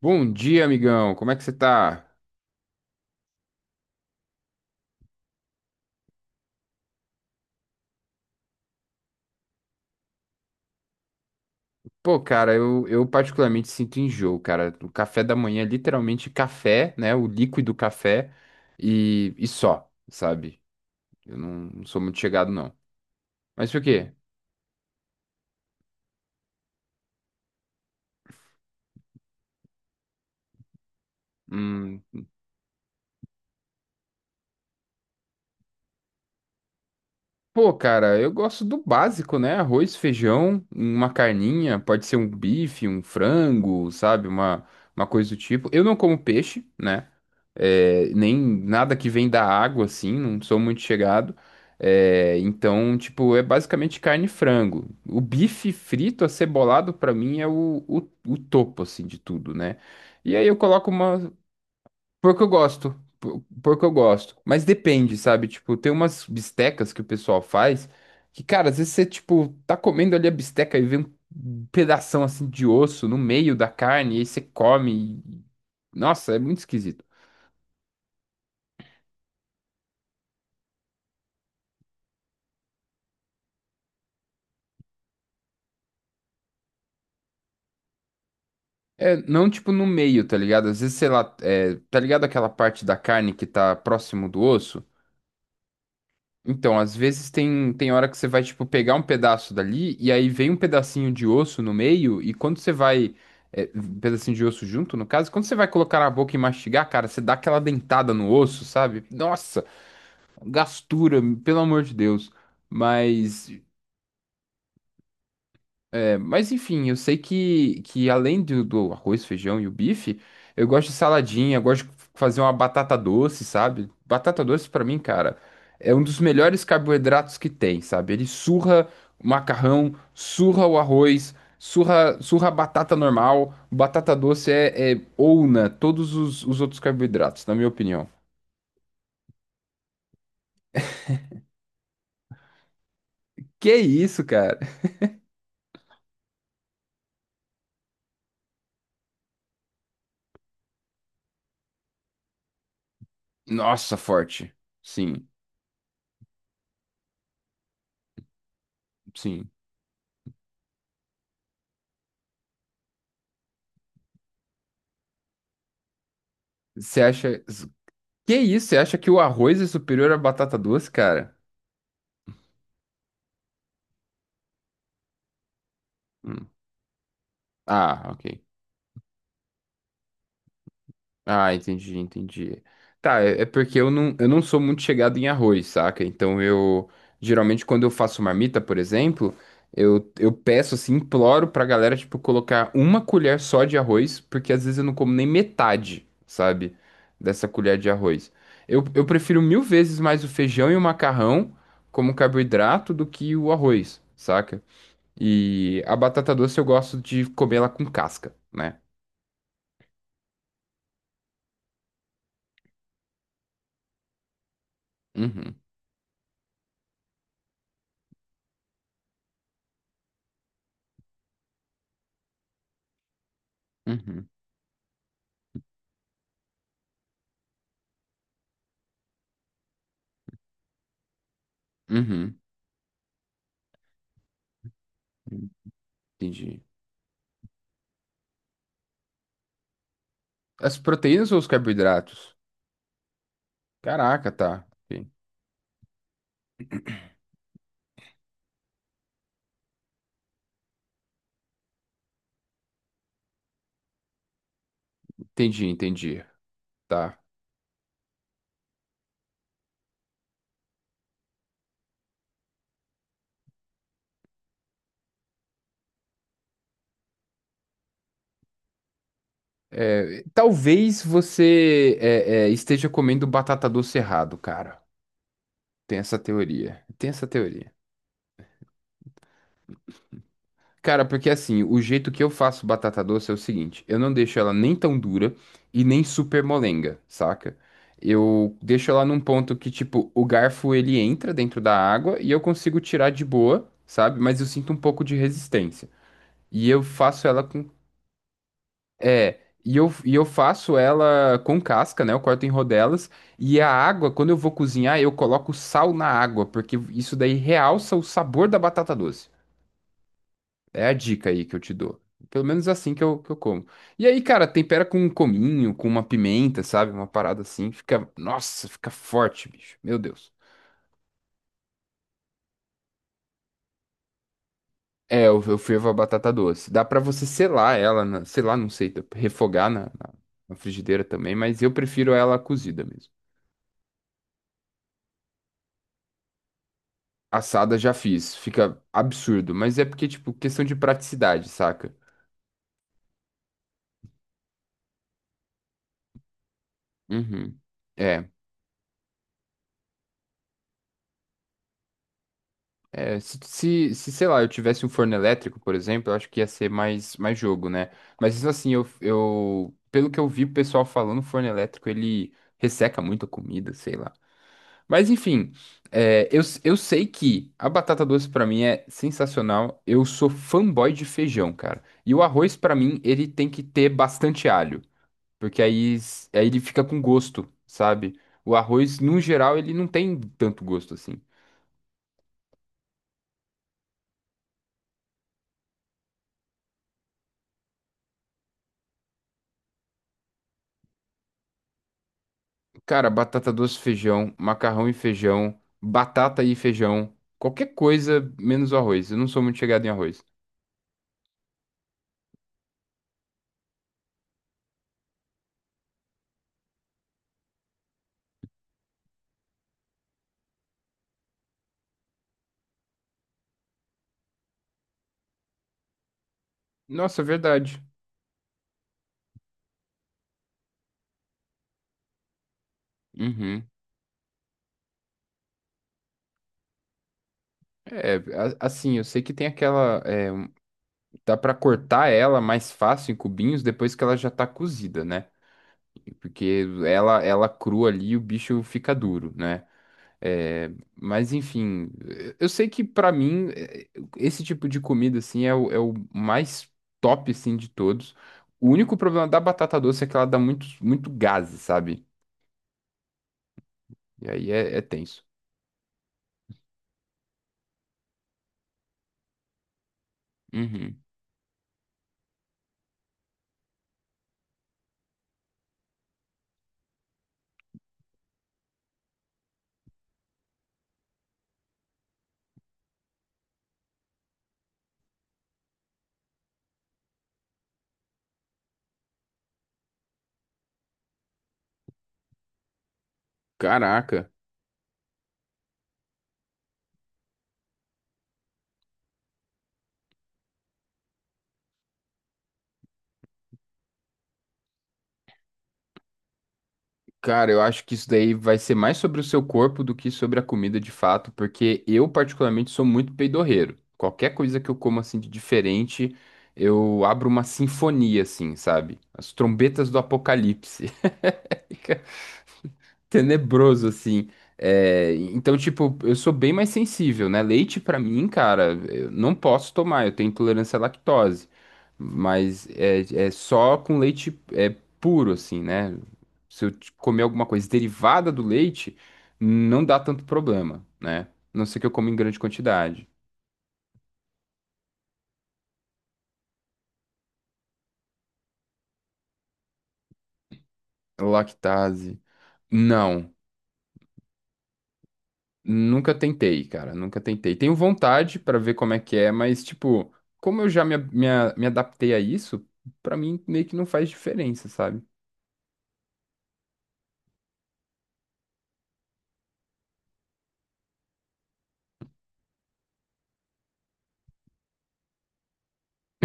Bom dia, amigão. Como é que você tá? Pô, cara, eu particularmente sinto enjoo, cara. O café da manhã é literalmente café, né? O líquido café e só, sabe? Eu não sou muito chegado, não. Mas o quê? Hum. Pô, cara, eu gosto do básico, né? Arroz, feijão, uma carninha, pode ser um bife, um frango, sabe? Uma coisa do tipo. Eu não como peixe, né? É, nem nada que vem da água, assim, não sou muito chegado. É, então, tipo, é basicamente carne e frango. O bife frito, acebolado, pra mim é o topo, assim, de tudo, né? E aí eu coloco uma, Porco eu gosto. Porco eu gosto. Mas depende, sabe? Tipo, tem umas bistecas que o pessoal faz que, cara, às vezes você, tipo, tá comendo ali a bisteca e vê um pedação assim de osso no meio da carne e aí você come. Nossa, é muito esquisito. É, não tipo no meio, tá ligado? Às vezes, sei lá, é, tá ligado aquela parte da carne que tá próximo do osso? Então, às vezes tem, tem hora que você vai, tipo, pegar um pedaço dali e aí vem um pedacinho de osso no meio e quando você vai... É, um pedacinho de osso junto, no caso, quando você vai colocar na boca e mastigar, cara, você dá aquela dentada no osso, sabe? Nossa, gastura, pelo amor de Deus. Mas é, mas enfim, eu sei que além do, do arroz, feijão e o bife, eu gosto de saladinha, eu gosto de fazer uma batata doce, sabe? Batata doce pra mim, cara, é um dos melhores carboidratos que tem, sabe? Ele surra o macarrão, surra o arroz, surra, surra a batata normal. Batata doce é, é ouna todos os outros carboidratos, na minha opinião. Que isso, cara? Nossa, forte. Sim, sim. Você acha. Que isso? Você acha que o arroz é superior à batata doce, cara? Hum. Ah, ok. Ah, entendi, entendi. Tá, é, é porque eu não sou muito chegado em arroz, saca? Então eu, geralmente quando eu faço marmita, por exemplo, eu peço assim, imploro pra galera, tipo, colocar uma colher só de arroz, porque às vezes eu não como nem metade, sabe? Dessa colher de arroz. Eu prefiro mil vezes mais o feijão e o macarrão como carboidrato do que o arroz, saca? E a batata doce eu gosto de comer ela com casca, né? Uhum, uhum, uhum. Entendi. As proteínas ou os carboidratos? Caraca, tá. Entendi, entendi. Tá. Talvez você é, é, esteja comendo batata doce errado, cara. Tem essa teoria. Tem essa teoria. Cara, porque assim, o jeito que eu faço batata doce é o seguinte: eu não deixo ela nem tão dura e nem super molenga, saca? Eu deixo ela num ponto que, tipo, o garfo ele entra dentro da água e eu consigo tirar de boa, sabe? Mas eu sinto um pouco de resistência. E eu faço ela com. É. E eu faço ela com casca, né? Eu corto em rodelas. E a água, quando eu vou cozinhar, eu coloco sal na água, porque isso daí realça o sabor da batata doce. É a dica aí que eu te dou. Pelo menos é assim que eu como. E aí, cara, tempera com um cominho, com uma pimenta, sabe? Uma parada assim. Fica. Nossa, fica forte, bicho. Meu Deus. É, eu fervo a batata doce. Dá pra você selar ela, na, sei lá, não sei, refogar na na frigideira também, mas eu prefiro ela cozida mesmo. Assada já fiz. Fica absurdo. Mas é porque, tipo, questão de praticidade, saca? Uhum. É. É, se, sei lá, eu tivesse um forno elétrico, por exemplo, eu acho que ia ser mais, mais jogo, né? Mas isso assim, eu, pelo que eu vi o pessoal falando, o forno elétrico ele resseca muito a comida, sei lá. Mas enfim, é, eu sei que a batata doce pra mim é sensacional. Eu sou fanboy de feijão, cara. E o arroz pra mim, ele tem que ter bastante alho, porque aí, aí ele fica com gosto, sabe? O arroz, no geral, ele não tem tanto gosto assim. Cara, batata doce, feijão, macarrão e feijão, batata e feijão, qualquer coisa menos o arroz. Eu não sou muito chegado em arroz. Nossa, verdade. Uhum. É, assim, eu sei que tem aquela, é, um- dá pra cortar ela mais fácil em cubinhos depois que ela já tá cozida, né? Porque ela crua ali, o bicho fica duro, né? É, mas enfim, eh, eu sei que pra mim eh, esse tipo de comida assim é o mais top assim de todos. O único problema da batata doce é que ela dá muito, muito gás, sabe? E aí é, é tenso. Uhum. Caraca, cara, eu acho que isso daí vai ser mais sobre o seu corpo do que sobre a comida de fato, porque eu particularmente sou muito peidorreiro. Qualquer coisa que eu como assim de diferente, eu abro uma sinfonia assim, sabe? As trombetas do apocalipse. Tenebroso, assim. É, então, tipo, eu sou bem mais sensível, né? Leite, pra mim, cara, eu não posso tomar, eu tenho intolerância à lactose. Mas é, é só com leite é, puro, assim, né? Se eu comer alguma coisa derivada do leite, não dá tanto problema, né? A não ser que eu coma em grande quantidade. Lactase. Não. Nunca tentei, cara, nunca tentei. Tenho vontade pra ver como é que é, mas, tipo, como eu já me adaptei a isso, pra mim meio que não faz diferença, sabe?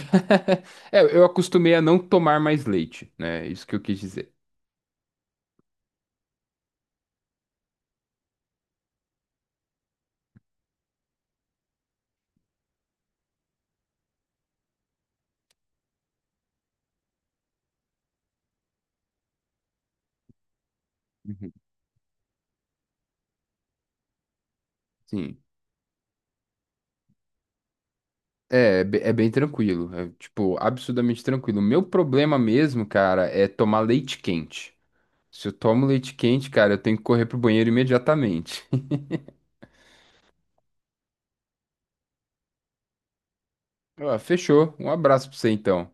É, eu acostumei a não tomar mais leite, né? Isso que eu quis dizer. Uhum. Sim. É, é bem tranquilo, é, tipo, absurdamente tranquilo. O meu problema mesmo, cara, é tomar leite quente. Se eu tomo leite quente, cara, eu tenho que correr pro banheiro imediatamente. Ah, fechou. Um abraço pra você então.